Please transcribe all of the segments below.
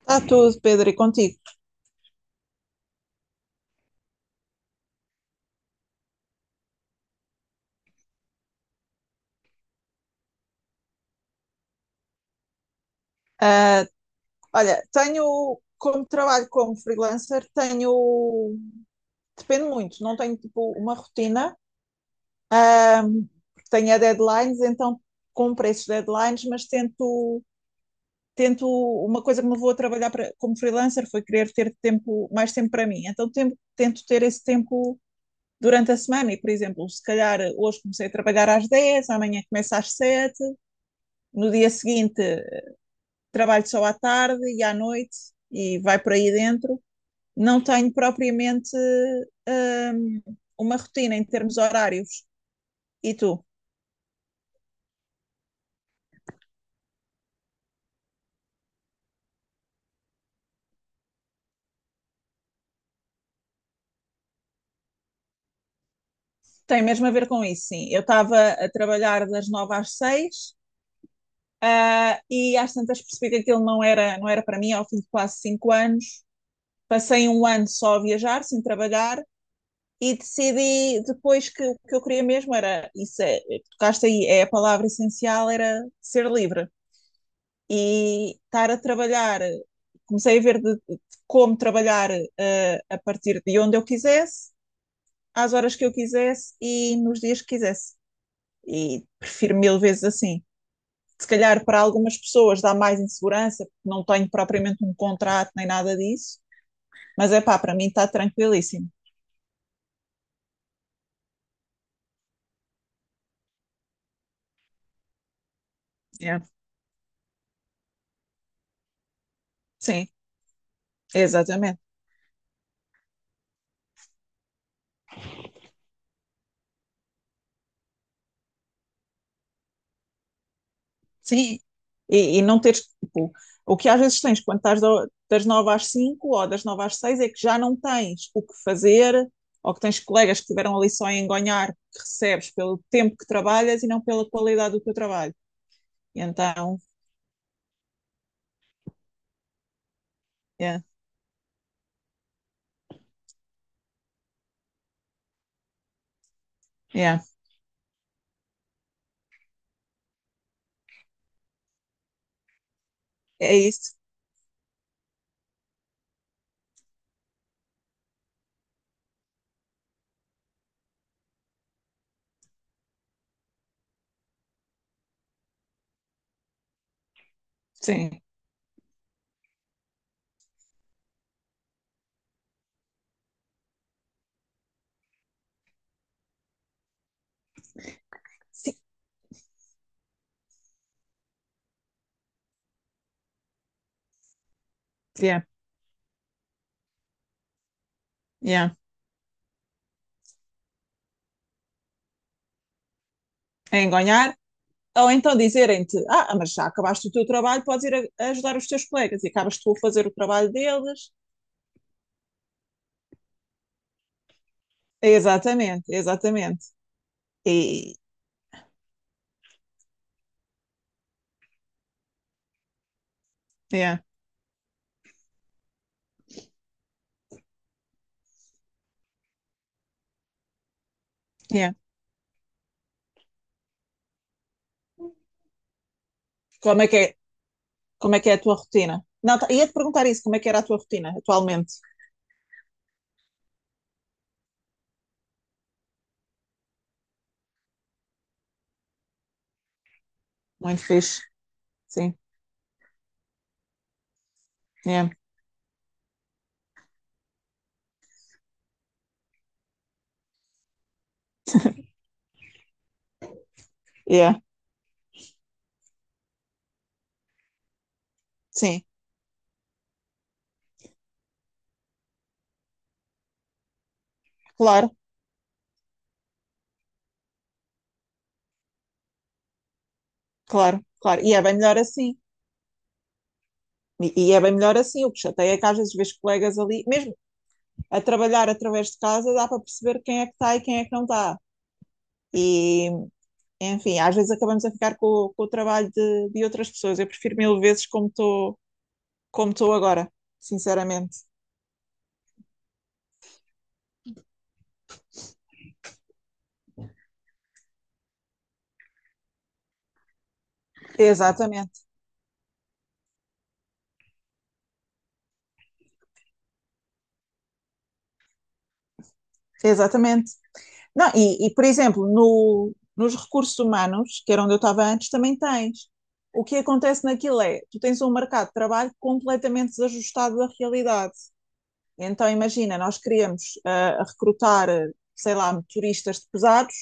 Está tudo, Pedro, e contigo. Ah, olha, tenho, como trabalho como freelancer, tenho, depende muito, não tenho tipo uma rotina, ah, tenho a deadlines, então cumpro esses deadlines, mas tento, uma coisa que me vou a trabalhar para, como freelancer foi querer ter tempo, mais tempo para mim, então tento ter esse tempo durante a semana e, por exemplo, se calhar hoje comecei a trabalhar às 10, amanhã começo às 7, no dia seguinte trabalho só à tarde e à noite e vai por aí dentro. Não tenho propriamente hum, uma rotina em termos horários. E tu? Tem mesmo a ver com isso, sim. Eu estava a trabalhar das 9 às 6, ah, e às tantas percebi que aquilo não era para mim ao fim de quase 5 anos. Passei um ano só a viajar, sem trabalhar, e decidi depois que o que eu queria mesmo era, isso é, tocaste aí, é a palavra essencial, era ser livre. E estar a trabalhar, comecei a ver de como trabalhar, eh, a partir de onde eu quisesse, às horas que eu quisesse e nos dias que quisesse. E prefiro mil vezes assim. Se calhar para algumas pessoas dá mais insegurança, porque não tenho propriamente um contrato nem nada disso, mas é pá, para mim está tranquilíssimo. Yeah. Sim, exatamente. Sim, e não teres, tipo, o que às vezes tens quando estás das 9 às 5 ou das 9 às 6 é que já não tens o que fazer, ou que tens colegas que estiveram ali só a engonhar, que recebes pelo tempo que trabalhas e não pela qualidade do teu trabalho. E então, yeah, yeah, é isso. Sim, yeah, yeah. É engonhar. Ou então dizerem-te, ah, mas já acabaste o teu trabalho, podes ir a ajudar os teus colegas e acabas tu a fazer o trabalho deles. Exatamente, exatamente. E, yeah, yeah. Como é que é, como é que é a tua rotina? Não, ia-te perguntar isso, como é que era a tua rotina atualmente? Muito fixe. Sim, yeah, yeah, sim, claro, claro, claro. E é bem melhor assim. E é bem melhor assim. O que chateia é que às vezes vês colegas ali, mesmo a trabalhar através de casa, dá para perceber quem é que está e quem é que não está. E, enfim, às vezes acabamos a ficar com o trabalho de outras pessoas. Eu prefiro mil vezes como estou agora, sinceramente. Exatamente, exatamente. Não, e, por exemplo, no, nos recursos humanos, que era onde eu estava antes, também tens. O que acontece naquilo é, tu tens um mercado de trabalho completamente desajustado da realidade. Então, imagina, nós queríamos recrutar, sei lá, motoristas de pesados.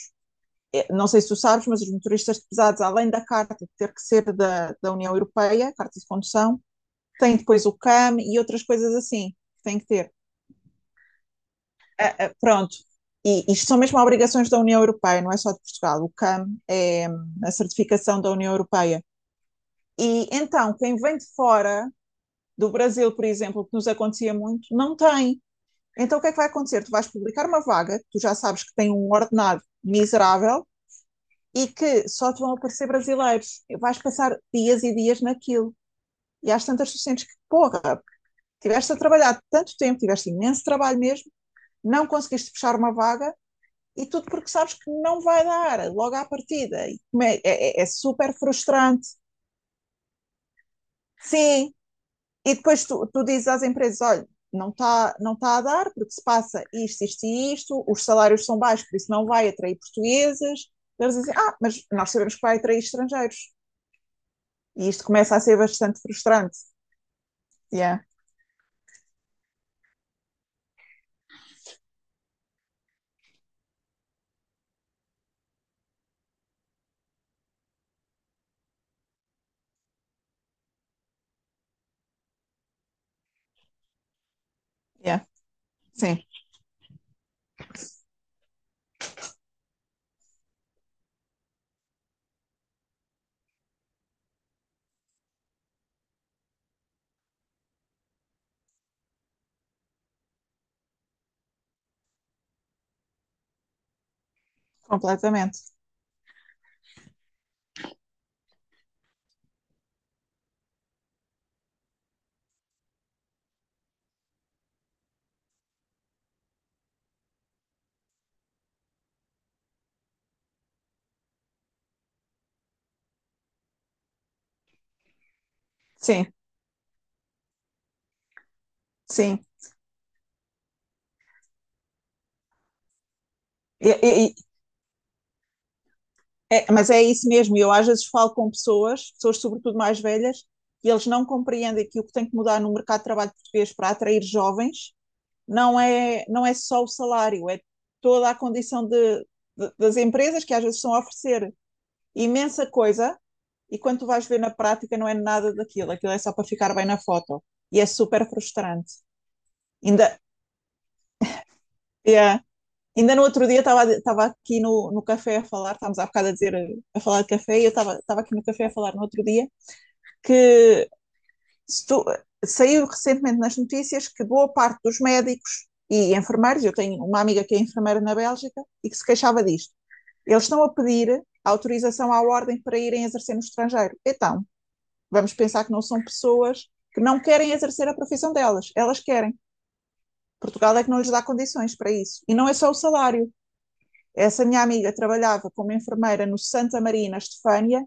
Eh, não sei se tu sabes, mas os motoristas de pesados, além da carta de ter que ser da União Europeia, carta de condução, têm depois o CAM e outras coisas assim que têm que ter. Ah, pronto, e isto são mesmo obrigações da União Europeia, não é só de Portugal. O CAM é a certificação da União Europeia. E então, quem vem de fora do Brasil, por exemplo, que nos acontecia muito, não tem. Então, o que é que vai acontecer? Tu vais publicar uma vaga, tu já sabes que tem um ordenado miserável e que só te vão aparecer brasileiros. Vais passar dias e dias naquilo. E às tantas tu sentes que, porra, tiveste a trabalhar tanto tempo, tiveste imenso trabalho mesmo, não conseguiste fechar uma vaga e tudo porque sabes que não vai dar logo à partida. E como é super frustrante. Sim, e depois tu dizes às empresas: olha, não tá a dar, porque se passa isto, isto e isto, os salários são baixos, por isso não vai atrair portugueses. Eles dizem: ah, mas nós sabemos que vai atrair estrangeiros. E isto começa a ser bastante frustrante. Yeah, yeah, sim, completamente. Sim, sim. E, e, É, mas é isso mesmo, eu às vezes falo com pessoas sobretudo mais velhas, e eles não compreendem que o que tem que mudar no mercado de trabalho português para atrair jovens não é só o salário, é toda a condição de, das empresas que às vezes estão a oferecer imensa coisa e quando tu vais ver na prática não é nada daquilo, aquilo é só para ficar bem na foto e é super frustrante. Ainda, yeah. Ainda no outro dia estava aqui no café a falar, estávamos há bocado a falar de café, e eu estava aqui no café a falar no outro dia que estou, saiu recentemente nas notícias que boa parte dos médicos e enfermeiros, eu tenho uma amiga que é enfermeira na Bélgica e que se queixava disto, eles estão a pedir autorização à ordem para irem exercer no estrangeiro. Então, vamos pensar que não são pessoas que não querem exercer a profissão delas, elas querem. Portugal é que não lhes dá condições para isso. E não é só o salário. Essa minha amiga trabalhava como enfermeira no Santa Maria, na Estefânia,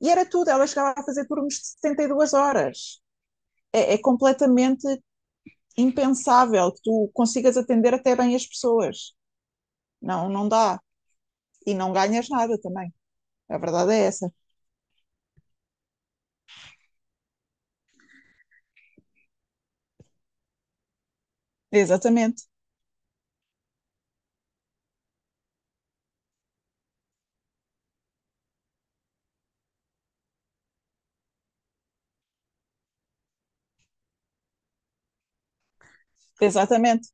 e era tudo, ela chegava a fazer turnos de 72 horas. É, é completamente impensável que tu consigas atender até bem as pessoas. Não, não dá. E não ganhas nada também. A verdade é essa. Exatamente, exatamente,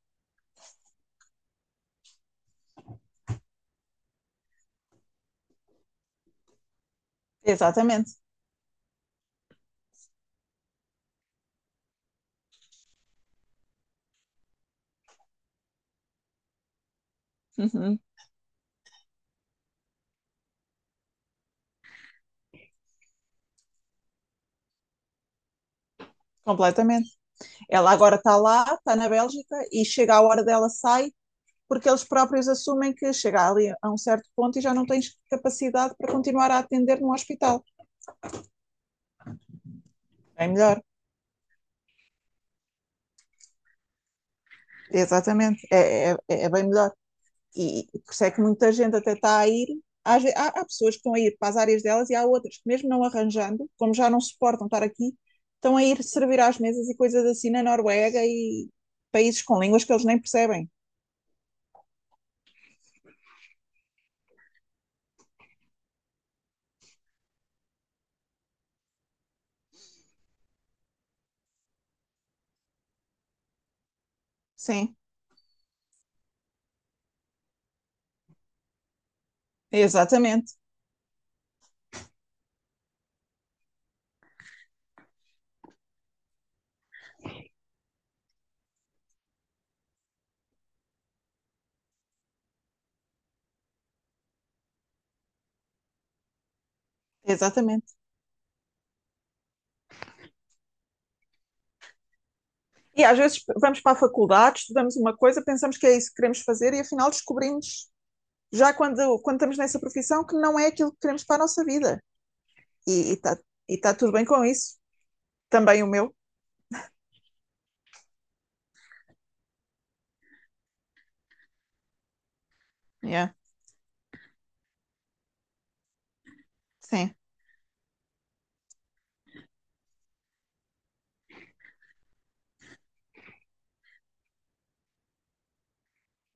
exatamente. Uhum. Completamente. Ela agora está lá, está na Bélgica e chega a hora dela sai, porque eles próprios assumem que chega ali a um certo ponto e já não tens capacidade para continuar a atender num hospital. É melhor, exatamente. É bem melhor. E por isso é que muita gente até está a ir. Há, há pessoas que estão a ir para as áreas delas e há outras que, mesmo não arranjando, como já não suportam estar aqui, estão a ir servir às mesas e coisas assim na Noruega e países com línguas que eles nem percebem. Sim, exatamente, exatamente. E às vezes vamos para a faculdade, estudamos uma coisa, pensamos que é isso que queremos fazer e afinal descobrimos, já quando estamos nessa profissão, que não é aquilo que queremos para a nossa vida. E está e tá tudo bem com isso. Também o meu. Yeah. Sim,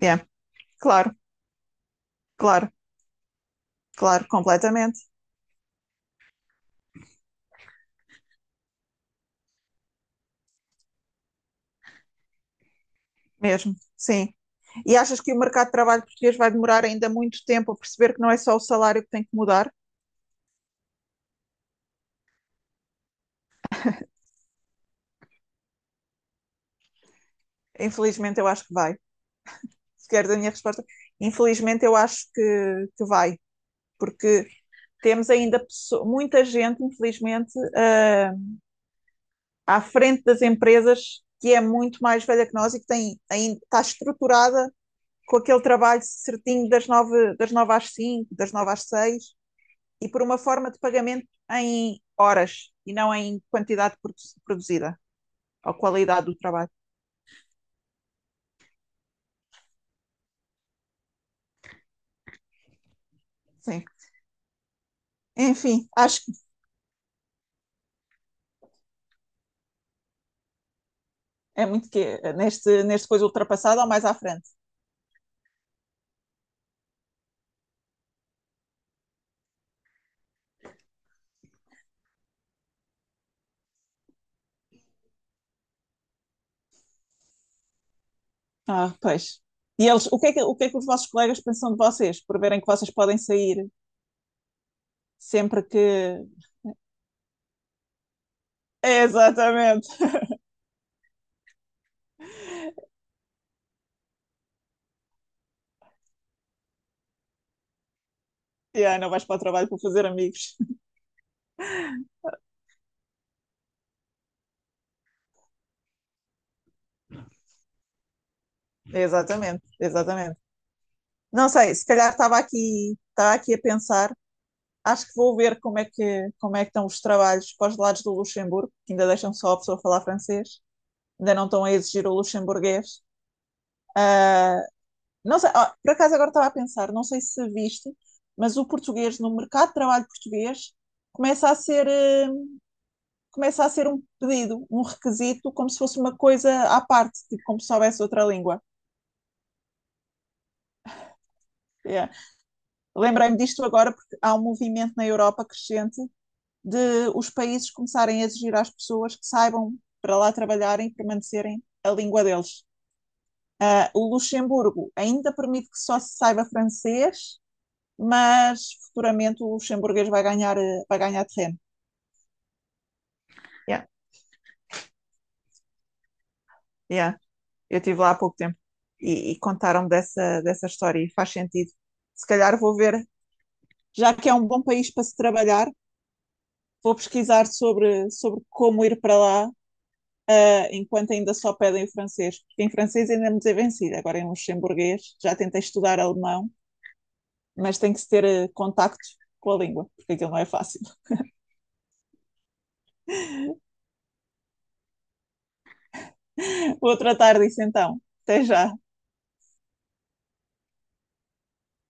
yeah. Claro, claro, claro, completamente, mesmo, sim. E achas que o mercado de trabalho português vai demorar ainda muito tempo a perceber que não é só o salário que tem que mudar? Infelizmente, eu acho que vai. Se queres a minha resposta, infelizmente, eu acho que vai, porque temos ainda muita gente, infelizmente, ah, à frente das empresas que é muito mais velha que nós e que tem, ainda está estruturada com aquele trabalho certinho das 9 às 5, das 9 às 6. E por uma forma de pagamento em horas e não em quantidade produzida ou qualidade do trabalho. Sim. Enfim, acho que é muito que neste coisa ultrapassado ou mais à frente. Ah, pois. E eles, o que é que os vossos colegas pensam de vocês por verem que vocês podem sair sempre que. Exatamente. Yeah, não vais para o trabalho para fazer amigos. Exatamente, exatamente. Não sei, se calhar estava aqui a pensar. Acho que vou ver como é que estão os trabalhos para os lados do Luxemburgo, que ainda deixam só a pessoa falar francês, ainda não estão a exigir o luxemburguês. Não sei, ah, por acaso agora estava a pensar, não sei se viste, mas o português, no mercado de trabalho português, começa a ser, eh, começa a ser um pedido, um requisito, como se fosse uma coisa à parte, tipo, como se soubesse outra língua. Yeah. Lembrei-me disto agora porque há um movimento na Europa crescente de os países começarem a exigir às pessoas que saibam para lá trabalharem e permanecerem a língua deles. O Luxemburgo ainda permite que só se saiba francês, mas futuramente o luxemburguês vai ganhar terreno. Yeah, yeah. Eu estive lá há pouco tempo e contaram dessa história e faz sentido. Se calhar vou ver, já que é um bom país para se trabalhar, vou pesquisar sobre como ir para lá, enquanto ainda só pedem o francês, porque em francês ainda me desenvencida, agora em luxemburguês, já tentei estudar alemão, mas tem que se ter contacto com a língua, porque aquilo não é fácil. Vou tratar disso então. Até já.